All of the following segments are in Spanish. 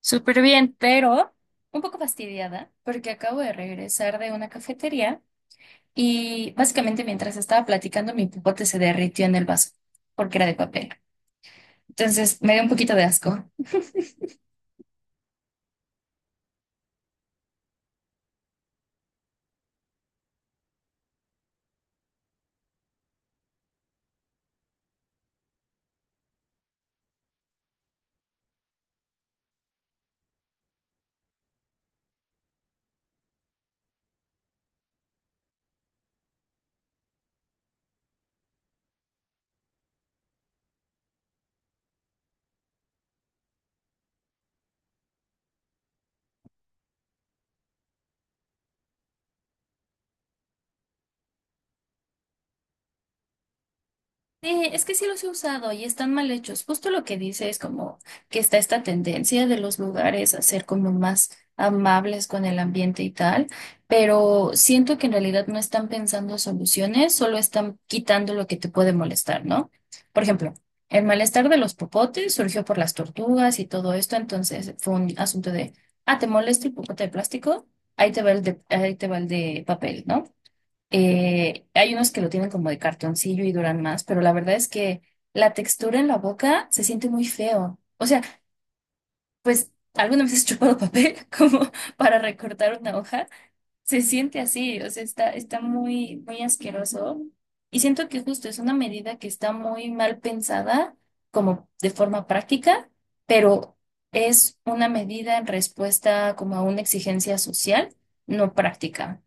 Súper bien, pero un poco fastidiada porque acabo de regresar de una cafetería y básicamente mientras estaba platicando mi popote se derritió en el vaso porque era de papel. Entonces me dio un poquito de asco. Sí, es que sí los he usado y están mal hechos. Justo lo que dice es como que está esta tendencia de los lugares a ser como más amables con el ambiente y tal, pero siento que en realidad no están pensando soluciones, solo están quitando lo que te puede molestar, ¿no? Por ejemplo, el malestar de los popotes surgió por las tortugas y todo esto, entonces fue un asunto de, ah, ¿te molesta el popote de plástico? Ahí te va el de papel, ¿no? Hay unos que lo tienen como de cartoncillo y duran más, pero la verdad es que la textura en la boca se siente muy feo. O sea, pues alguna vez has chupado papel como para recortar una hoja, se siente así, o sea, está muy, muy asqueroso. Y siento que justo es una medida que está muy mal pensada, como de forma práctica, pero es una medida en respuesta como a una exigencia social, no práctica.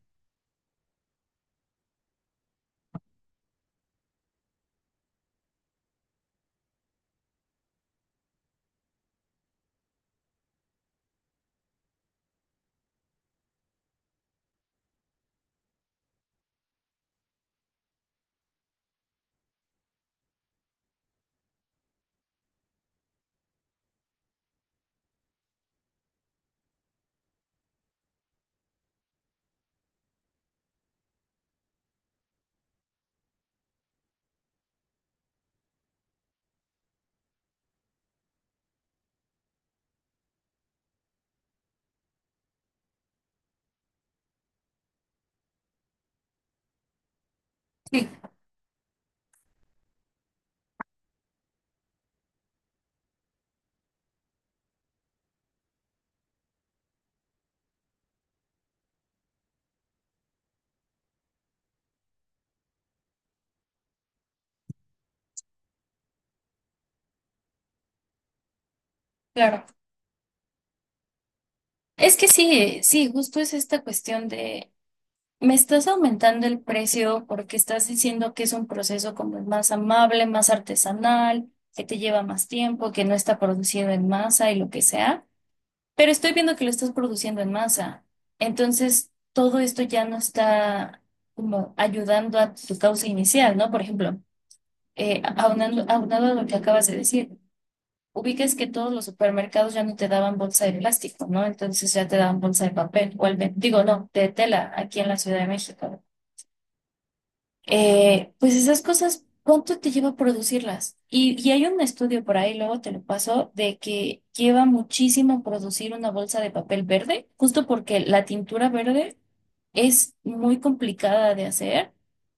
Sí, claro. Es que sí, sí, justo es esta cuestión de, me estás aumentando el precio porque estás diciendo que es un proceso como más amable, más artesanal, que te lleva más tiempo, que no está producido en masa y lo que sea, pero estoy viendo que lo estás produciendo en masa. Entonces, todo esto ya no está como ayudando a tu causa inicial, ¿no? Por ejemplo, aunado a lo que acabas de decir ubiques que todos los supermercados ya no te daban bolsa de plástico, ¿no? Entonces ya te daban bolsa de papel, o digo, no, de tela, aquí en la Ciudad de México. Pues esas cosas, ¿cuánto te lleva producirlas? Y hay un estudio por ahí, luego te lo paso, de que lleva muchísimo producir una bolsa de papel verde, justo porque la tintura verde es muy complicada de hacer,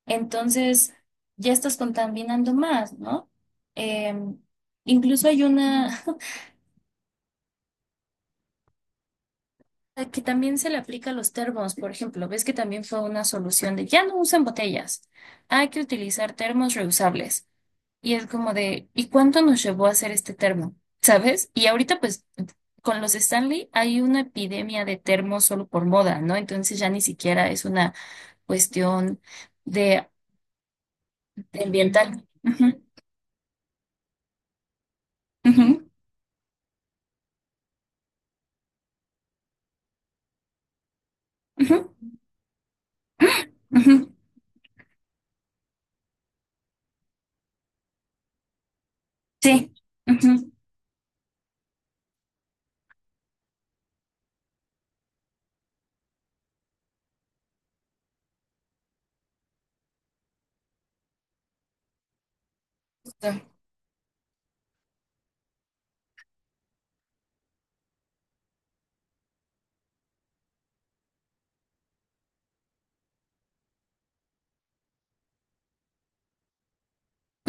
entonces ya estás contaminando más, ¿no? Em, incluso hay una. A que también se le aplica a los termos, por ejemplo, ves que también fue una solución de ya no usen botellas, hay que utilizar termos reusables. Y es como de, ¿y cuánto nos llevó a hacer este termo? ¿Sabes? Y ahorita pues con los Stanley hay una epidemia de termos solo por moda, ¿no? Entonces ya ni siquiera es una cuestión de, ambiental. Ujú, ujú, ujú, ujú, sí, ujú.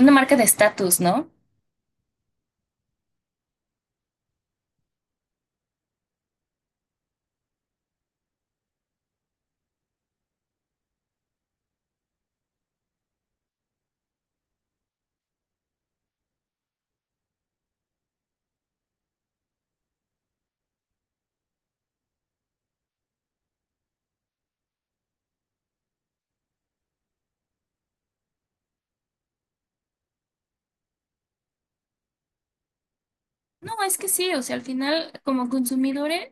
Una marca de estatus, ¿no? No, es que sí, o sea, al final como consumidores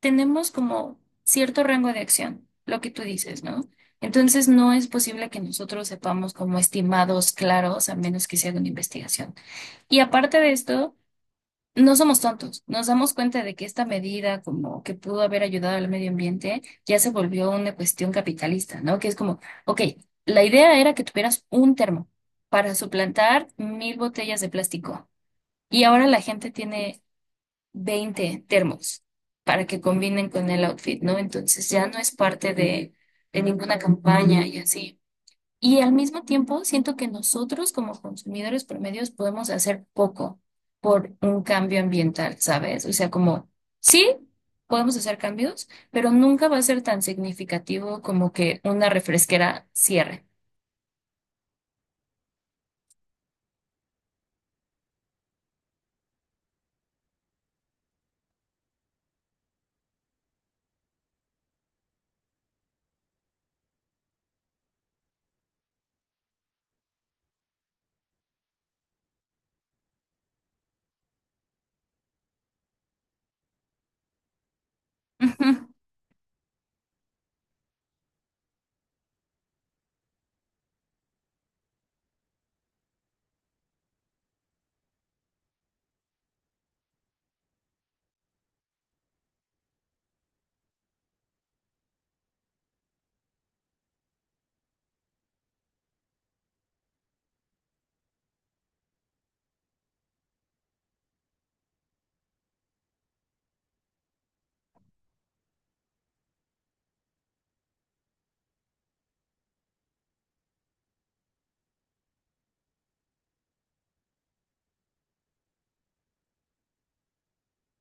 tenemos como cierto rango de acción, lo que tú dices, ¿no? Entonces no es posible que nosotros sepamos como estimados claros a menos que se haga una investigación. Y aparte de esto, no somos tontos, nos damos cuenta de que esta medida como que pudo haber ayudado al medio ambiente ya se volvió una cuestión capitalista, ¿no? Que es como, ok, la idea era que tuvieras un termo para suplantar 1,000 botellas de plástico. Y ahora la gente tiene 20 termos para que combinen con el outfit, ¿no? Entonces ya no es parte de ninguna campaña y así. Y al mismo tiempo, siento que nosotros como consumidores promedios podemos hacer poco por un cambio ambiental, ¿sabes? O sea, como sí, podemos hacer cambios, pero nunca va a ser tan significativo como que una refresquera cierre. Ujú,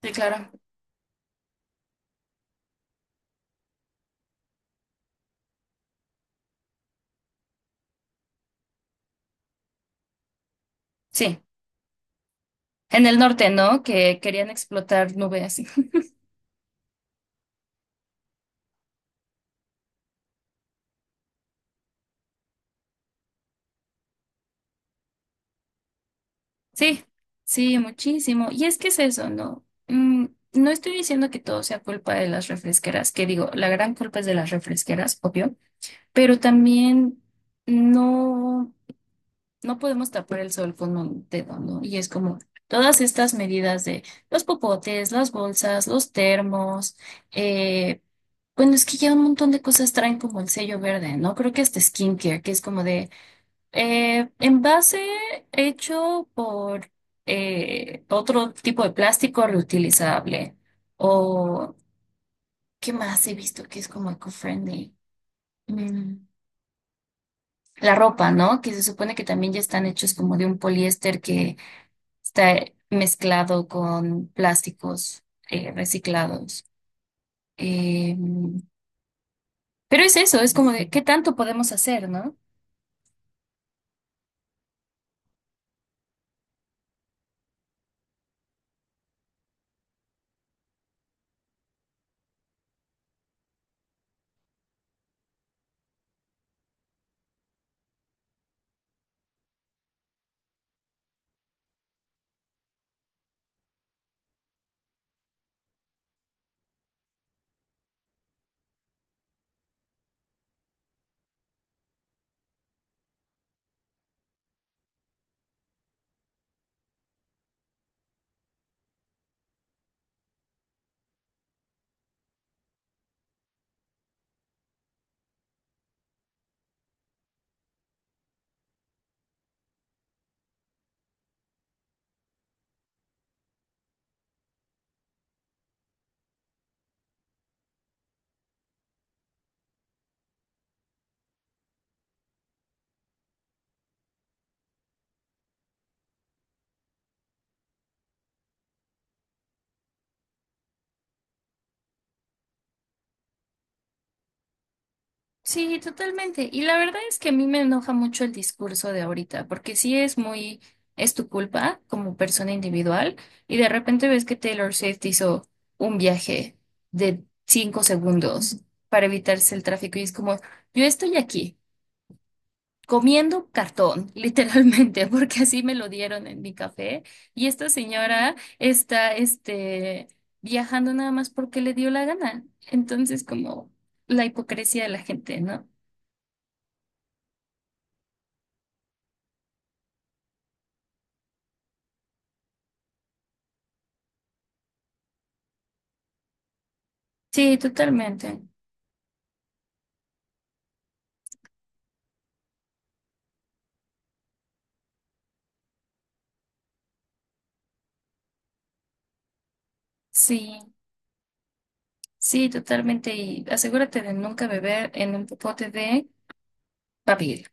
sí, claro. Sí. En el norte, ¿no? Que querían explotar nubes. Sí, sí, muchísimo. Y es que es eso, ¿no? Mm, no estoy diciendo que todo sea culpa de las refresqueras, que digo, la gran culpa es de las refresqueras, obvio, pero también no, no podemos tapar el sol con un dedo, ¿no? Y es como todas estas medidas de los popotes, las bolsas, los termos, eh, bueno, es que ya un montón de cosas traen como el sello verde, ¿no? Creo que hasta skincare, que es como de... envase hecho por otro tipo de plástico reutilizable. O, ¿qué más he visto que es como eco-friendly? Mm, la ropa, ¿no? Que se supone que también ya están hechos como de un poliéster que está mezclado con plásticos reciclados. Eh, pero es eso, es como de qué tanto podemos hacer, ¿no? Sí, totalmente. Y la verdad es que a mí me enoja mucho el discurso de ahorita, porque sí es muy, es, tu culpa como persona individual, y de repente ves que Taylor Swift hizo un viaje de 5 segundos para evitarse el tráfico, y es como, yo estoy aquí comiendo cartón, literalmente, porque así me lo dieron en mi café, y esta señora está, viajando nada más porque le dio la gana. Entonces, como la hipocresía de la gente, ¿no? Sí, totalmente. Sí, sí, totalmente. Y asegúrate de nunca beber en un popote de papel.